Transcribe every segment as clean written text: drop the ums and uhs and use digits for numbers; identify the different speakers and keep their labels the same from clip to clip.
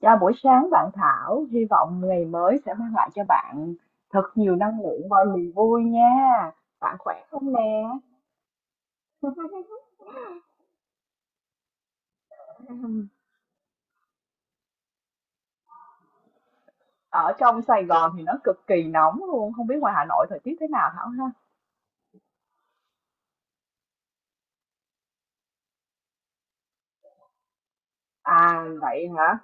Speaker 1: Chào buổi sáng bạn Thảo, hy vọng ngày mới sẽ mang lại cho bạn thật nhiều năng lượng và niềm vui nha. Bạn khỏe không nè? Ở trong Sài Gòn thì nó cực kỳ nóng luôn, không biết ngoài Hà Nội thời tiết thế nào Thảo ha? À vậy hả?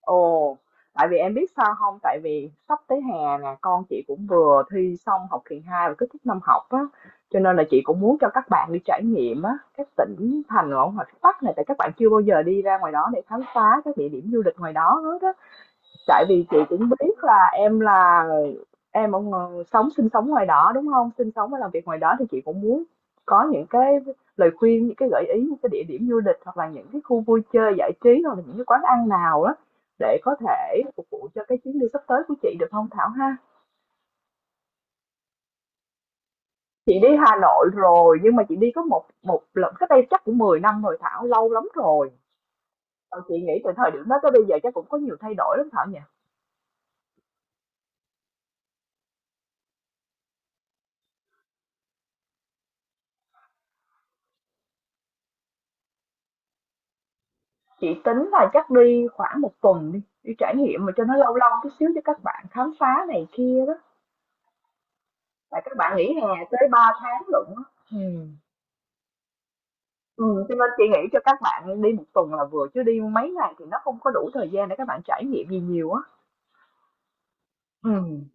Speaker 1: Ồ, tại vì em biết sao không? Tại vì sắp tới hè nè, con chị cũng vừa thi xong học kỳ 2 và kết thúc năm học á, cho nên là chị cũng muốn cho các bạn đi trải nghiệm á, các tỉnh thành ở ngoài phía Bắc này, tại các bạn chưa bao giờ đi ra ngoài đó để khám phá các địa điểm du lịch ngoài đó hết á. Tại vì chị cũng biết là em ở ng sống sinh sống ngoài đó, đúng không? Sinh sống và làm việc ngoài đó thì chị cũng muốn có những cái lời khuyên, những cái gợi ý, những cái địa điểm du lịch hoặc là những cái khu vui chơi giải trí hoặc là những cái quán ăn nào đó để có thể phục vụ cho cái chuyến đi sắp tới của chị, được không Thảo ha? Chị đi Hà Nội rồi nhưng mà chị đi có một một lần cách đây chắc cũng 10 năm rồi Thảo, lâu lắm rồi. Ờ, chị nghĩ từ thời điểm đó tới bây giờ chắc cũng có nhiều thay đổi lắm Thảo nhỉ? Chị tính là chắc đi khoảng một tuần đi, đi trải nghiệm mà cho nó lâu lâu chút xíu cho các bạn khám phá này kia đó. Tại các bạn nghỉ hè tới 3 tháng lận á. Ừ. Ừ, cho nên chị nghĩ cho các bạn đi một tuần là vừa chứ đi mấy ngày thì nó không có đủ thời gian để các bạn trải nghiệm gì nhiều á. Ừ.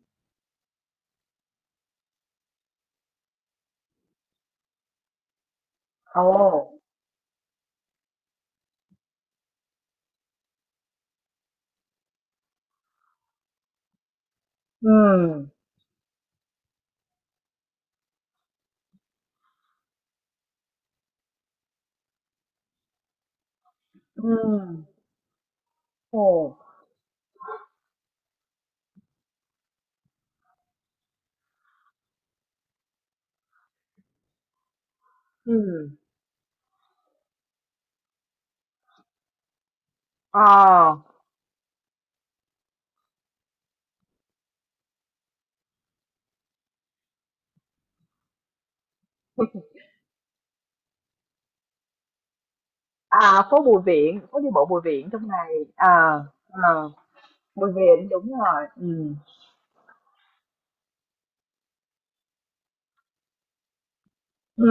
Speaker 1: Ồ. Ừ. Ừ. Ồ. Ừ. Ờ. À, phố Bùi Viện, phố đi bộ Bùi Viện trong này. À, à, Bùi Viện đúng rồi. Ừ. Ừ.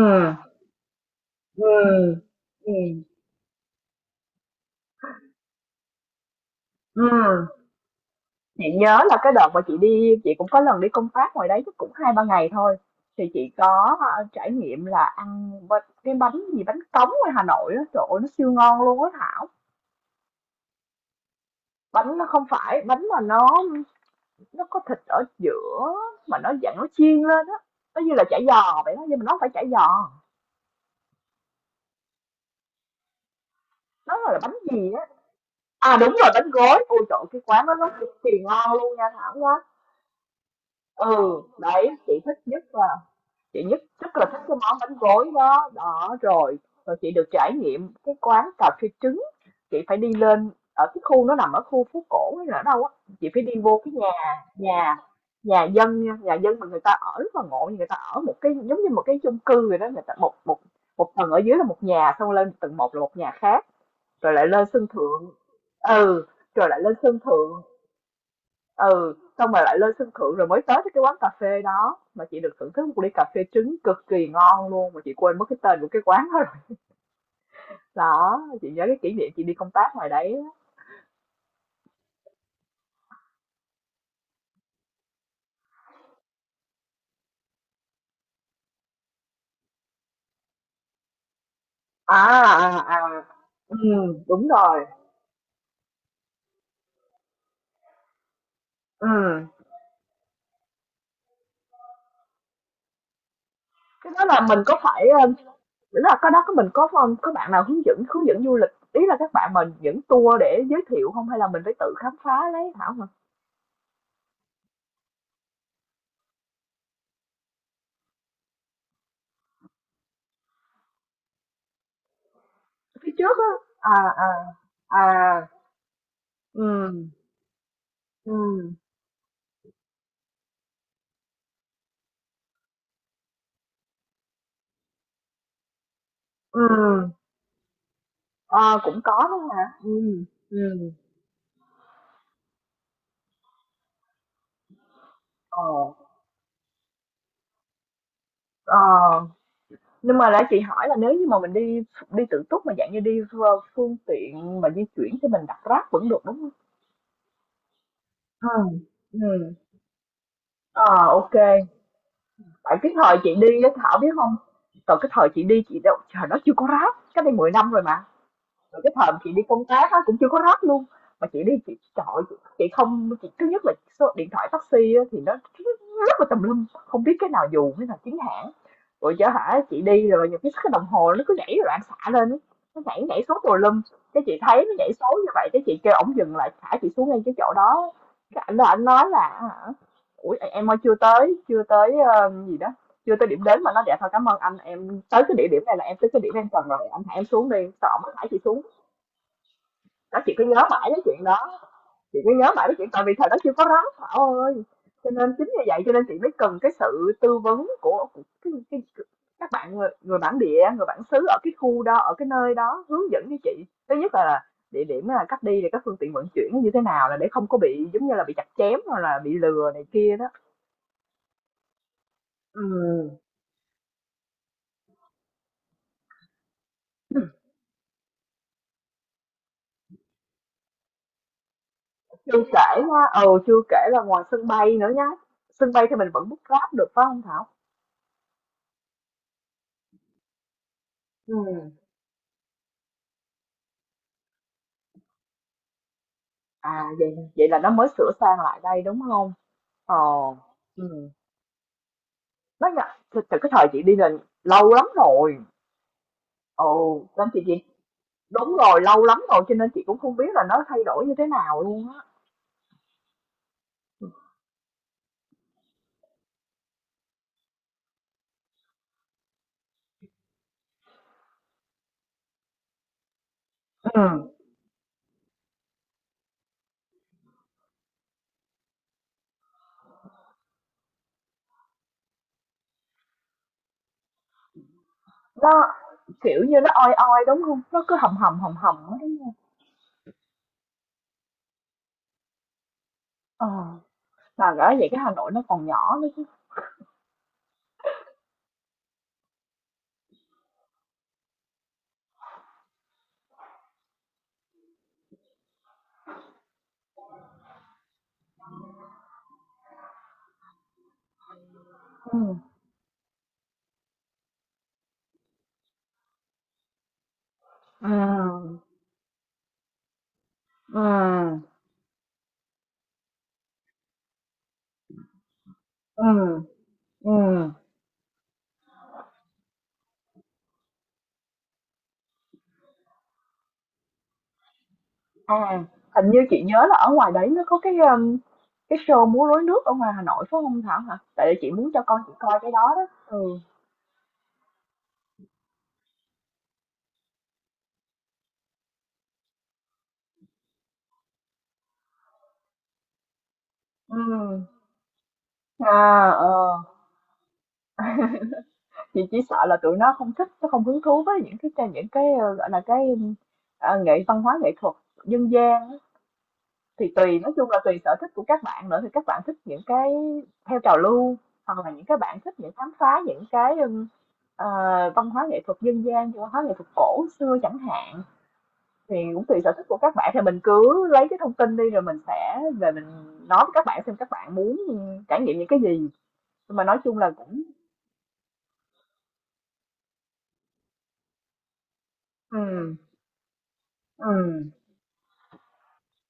Speaker 1: Ừ. Ừ. Ừ, chị nhớ là cái đợt mà chị đi chị cũng có lần đi công tác ngoài đấy chắc cũng hai ba ngày thôi. Thì chị có, a, trải nghiệm là ăn bánh cái bánh gì bánh cống ngoài Hà Nội á, trời ơi, nó siêu ngon luôn á Thảo. Bánh nó không phải bánh mà nó có thịt ở giữa mà nó dạng nó chiên lên á, nó như là chả giò vậy đó, nhưng mà nó không phải chả giò, nó là bánh gì á. À, đúng rồi, bánh gối, ôi trời cái quán đó nó cực kỳ ngon luôn nha Thảo nhá. Ừ, đấy, chị rất là thích cái món bánh gối đó. Đó rồi, rồi chị được trải nghiệm cái quán cà phê trứng. Chị phải đi lên ở cái khu nó nằm ở khu phố cổ hay là ở đâu á, chị phải đi vô cái nhà nhà nhà dân nha, nhà dân mà người ta ở rất là ngộ. Người ta ở một cái giống như một cái chung cư vậy đó, người ta một một một tầng ở dưới là một nhà, xong lên tầng một là một nhà khác, rồi lại lên sân thượng. Ừ rồi lại lên sân thượng ừ Xong rồi lại lên sân thượng rồi mới tới cái quán cà phê đó, mà chị được thưởng thức một ly cà phê trứng cực kỳ ngon luôn, mà chị quên mất cái tên của cái quán đó rồi. Đó, chị nhớ cái kỷ niệm chị đi công tác ngoài đấy á. À, à, à. Ừ. Đúng rồi. Ừ. Cái đó là mình có phải nghĩa là cái đó có mình có không có bạn nào hướng dẫn du lịch, ý là các bạn mình dẫn tour để giới thiệu không, hay là mình phải tự khám phá lấy Thảo hả? Mà phía trước á. À, à, à. Ừ. Ừ. Ừ. Ờ, cũng có đó hả? Ừm. Ờ, ờ. Nhưng mà nãy chị hỏi là nếu như mà mình đi đi tự túc mà dạng như đi phương phương tiện mà di chuyển thì mình đặt Grab vẫn được, đúng không? Ừ. Ừ. Ờ, ô. Tại cái thời chị đi á, Thảo biết không? Từ cái thời chị đi chị đâu, trời đó chưa có Grab, cách đây 10 năm rồi mà. Rồi cái thời mà chị đi công tác á, cũng chưa có Grab luôn, mà chị đi chị chọi, chị không, chị thứ nhất là số điện thoại taxi á, thì nó rất là tùm lum, không biết cái nào dù cái nào chính hãng. Rồi chở hả chị đi, rồi nhiều cái đồng hồ nó cứ nhảy loạn xạ lên á, nó nhảy nhảy số tùm lum. Cái chị thấy nó nhảy số như vậy cái chị kêu ổng dừng lại thả chị xuống ngay cái chỗ đó. Cái ảnh đó ảnh nói là hả, ủa em ơi chưa tới gì đó, chưa tới điểm đến mà nó dạ thôi cảm ơn anh, em tới cái địa điểm này là em tới cái điểm em cần rồi, anh thả em xuống đi, sợ ổng mới thả chị xuống. Nó chị cứ nhớ mãi cái chuyện đó, chị cứ nhớ mãi cái chuyện tại vì thời đó chưa có ráp Thảo ơi, cho nên chính như vậy, cho nên chị mới cần cái sự tư vấn của, các bạn người bản địa, người bản xứ ở cái khu đó, ở cái nơi đó hướng dẫn với chị. Thứ nhất là địa điểm, là cách đi, rồi các phương tiện vận chuyển nó như thế nào, là để không có bị giống như là bị chặt chém hoặc là bị lừa này kia đó. Ừm. Chưa kể nha, ừ chưa kể là ngoài sân bay nữa nhá. Sân bay thì mình vẫn book Grab được phải không Thảo? Ừ. À, vậy vậy là nó mới sửa sang lại đây đúng không? Ờ, ừm, nó nhận từ từ cái thời chị đi là lâu lắm rồi, ừ, nên chị đúng rồi, lâu lắm rồi cho nên chị cũng không biết là nó thay đổi như thế nào luôn á. Ừm, nó, kiểu như, nó oi oi, đúng không? Nó cứ hầm hầm, hầm hầm á, đúng không? Ờ, mà bởi vậy cái Hà Nội nó còn nhỏ nữa chứ. Ừm, ừm, ừm, ừm, ừm. À, hình như chị nhớ là ở ngoài đấy nó có cái show múa rối nước ở ngoài Hà Nội phải không Thảo hả? Tại vì chị muốn cho con chị coi cái đó đó. Ừ. Ừ. À, ờ. Chị chỉ sợ là tụi nó không thích, nó không hứng thú với những cái gọi là cái à, văn hóa nghệ thuật dân gian á. Thì tùy, nói chung là tùy sở thích của các bạn nữa, thì các bạn thích những cái theo trào lưu, hoặc là những cái bạn thích những khám phá những cái ờ, văn hóa nghệ thuật dân gian, văn hóa nghệ thuật cổ xưa chẳng hạn. Thì cũng tùy sở thích của các bạn, thì mình cứ lấy cái thông tin đi rồi mình sẽ về mình nói với các bạn xem các bạn muốn trải nghiệm những cái gì. Nhưng mà nói chung là cũng ừm, ừm,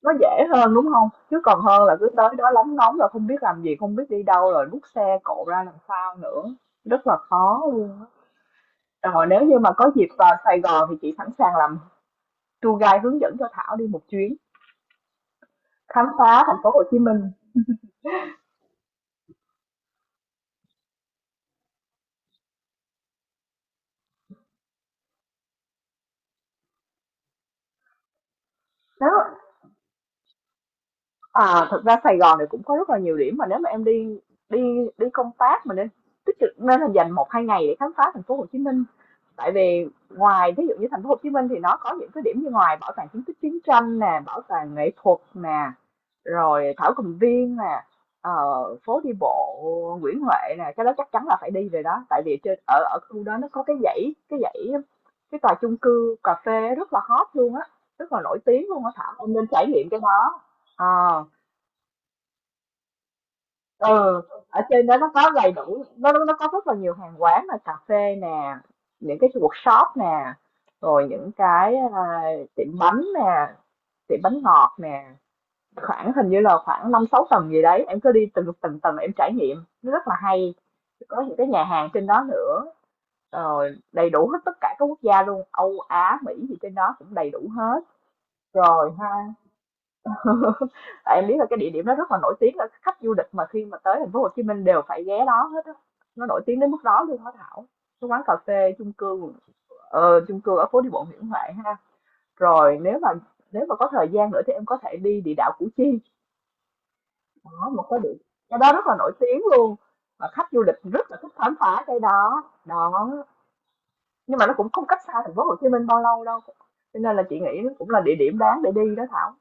Speaker 1: nó dễ hơn, đúng không? Chứ còn hơn là cứ tới đó lóng ngóng là không biết làm gì, không biết đi đâu, rồi bút xe cộ ra làm sao nữa, rất là khó luôn á. Rồi nếu như mà có dịp vào Sài Gòn thì chị sẵn sàng làm tour guide hướng dẫn cho Thảo đi một chuyến, khám phá thành phố Hồ Chí Minh. Đó. À, thực ra Sài Gòn này cũng có rất là nhiều điểm mà nếu mà em đi đi đi công tác mà nên tích cực, nên là dành một hai ngày để khám phá thành phố Hồ Chí Minh, tại vì ngoài ví dụ như thành phố Hồ Chí Minh thì nó có những cái điểm như ngoài bảo tàng chứng tích chiến tranh nè, bảo tàng nghệ thuật nè, rồi Thảo Cầm Viên nè, ờ, phố đi bộ Nguyễn Huệ nè. Cái đó chắc chắn là phải đi rồi đó, tại vì trên ở ở khu đó nó có cái dãy cái tòa chung cư cà phê rất là hot luôn á, rất là nổi tiếng luôn á Thảo, em nên trải nghiệm cái đó. Ờ. Ừ. Ở trên đó nó có đầy đủ, nó có rất là nhiều hàng quán, là cà phê nè, những cái workshop nè, rồi những cái à, tiệm bánh nè, tiệm bánh ngọt nè, khoảng hình như là khoảng năm sáu tầng gì đấy, em cứ đi từng từng tầng em trải nghiệm, nó rất là hay. Có những cái nhà hàng trên đó nữa, rồi đầy đủ hết tất cả các quốc gia luôn, Âu Á Mỹ gì trên đó cũng đầy đủ hết rồi. Tại em biết là cái địa điểm đó rất là nổi tiếng, là khách du lịch mà khi mà tới thành phố Hồ Chí Minh đều phải ghé đó hết á, nó nổi tiếng đến mức đó luôn đó Thảo. Cái quán cà phê chung cư, ờ, chung cư ở phố đi bộ Nguyễn Huệ ha. Rồi nếu mà có thời gian nữa thì em có thể đi địa đạo Củ Chi. Đó, một cái địa, cái đó rất là nổi tiếng luôn, và khách du lịch rất là thích khám phá cái đó đó, nhưng mà nó cũng không cách xa thành phố Hồ Chí Minh bao lâu đâu, cho nên là chị nghĩ nó cũng là địa điểm đáng để đi đó Thảo.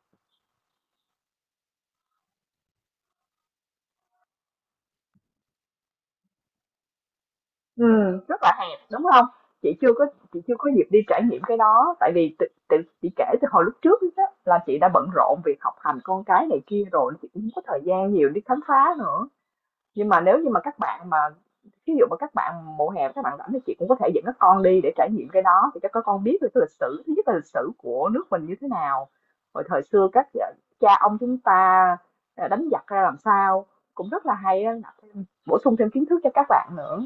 Speaker 1: Rất là hẹp, đúng không? Chị chưa có chị chưa có dịp đi trải nghiệm cái đó, tại vì tự tự chị kể từ hồi lúc trước á là chị đã bận rộn việc học hành con cái này kia rồi, chị cũng không có thời gian nhiều đi khám phá nữa. Nhưng mà nếu như mà các bạn mà ví dụ mà các bạn mùa hè các bạn rảnh thì chị cũng có thể dẫn các con đi để trải nghiệm cái đó, thì cho các con biết được cái lịch sử, thứ nhất là lịch sử của nước mình như thế nào, rồi thời xưa các ờ, cha ông chúng ta, ờ, đánh giặc ra làm sao, cũng rất là hay á, bổ sung thêm kiến thức cho các bạn nữa.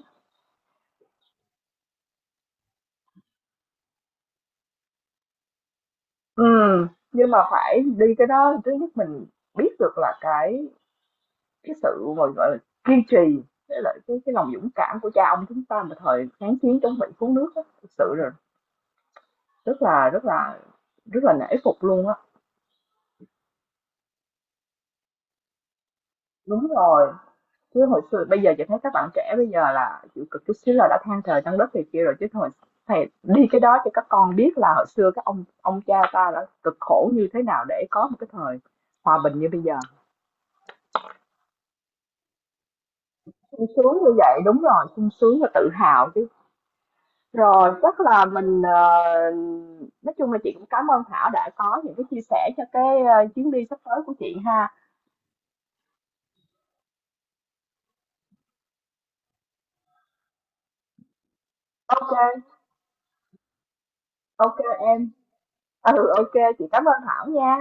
Speaker 1: Ừ, nhưng mà phải đi cái đó thứ nhất mình biết được là cái sự gọi gọi là kiên trì, với lại cái lòng dũng cảm của cha ông chúng ta mà thời kháng chiến chống Mỹ cứu nước á, thực sự là rất là rất là rất là nể phục luôn á. Đúng rồi, chứ hồi xưa, bây giờ chị thấy các bạn trẻ bây giờ là chịu cực chút xíu là đã than trời than đất thì kia rồi, chứ thôi, thầy đi cái đó cho các con biết là hồi xưa các ông cha ta đã cực khổ như thế nào để có một cái thời hòa bình như bây giờ. Sung sướng như vậy, đúng rồi, sung sướng và tự hào chứ. Rồi, chắc là mình, ờ, nói chung là chị cũng cảm ơn Thảo đã có những cái chia sẻ cho cái, ờ, chuyến đi sắp tới của chị ha. OK, OK em. Ừ, OK, chị cảm ơn Thảo nha.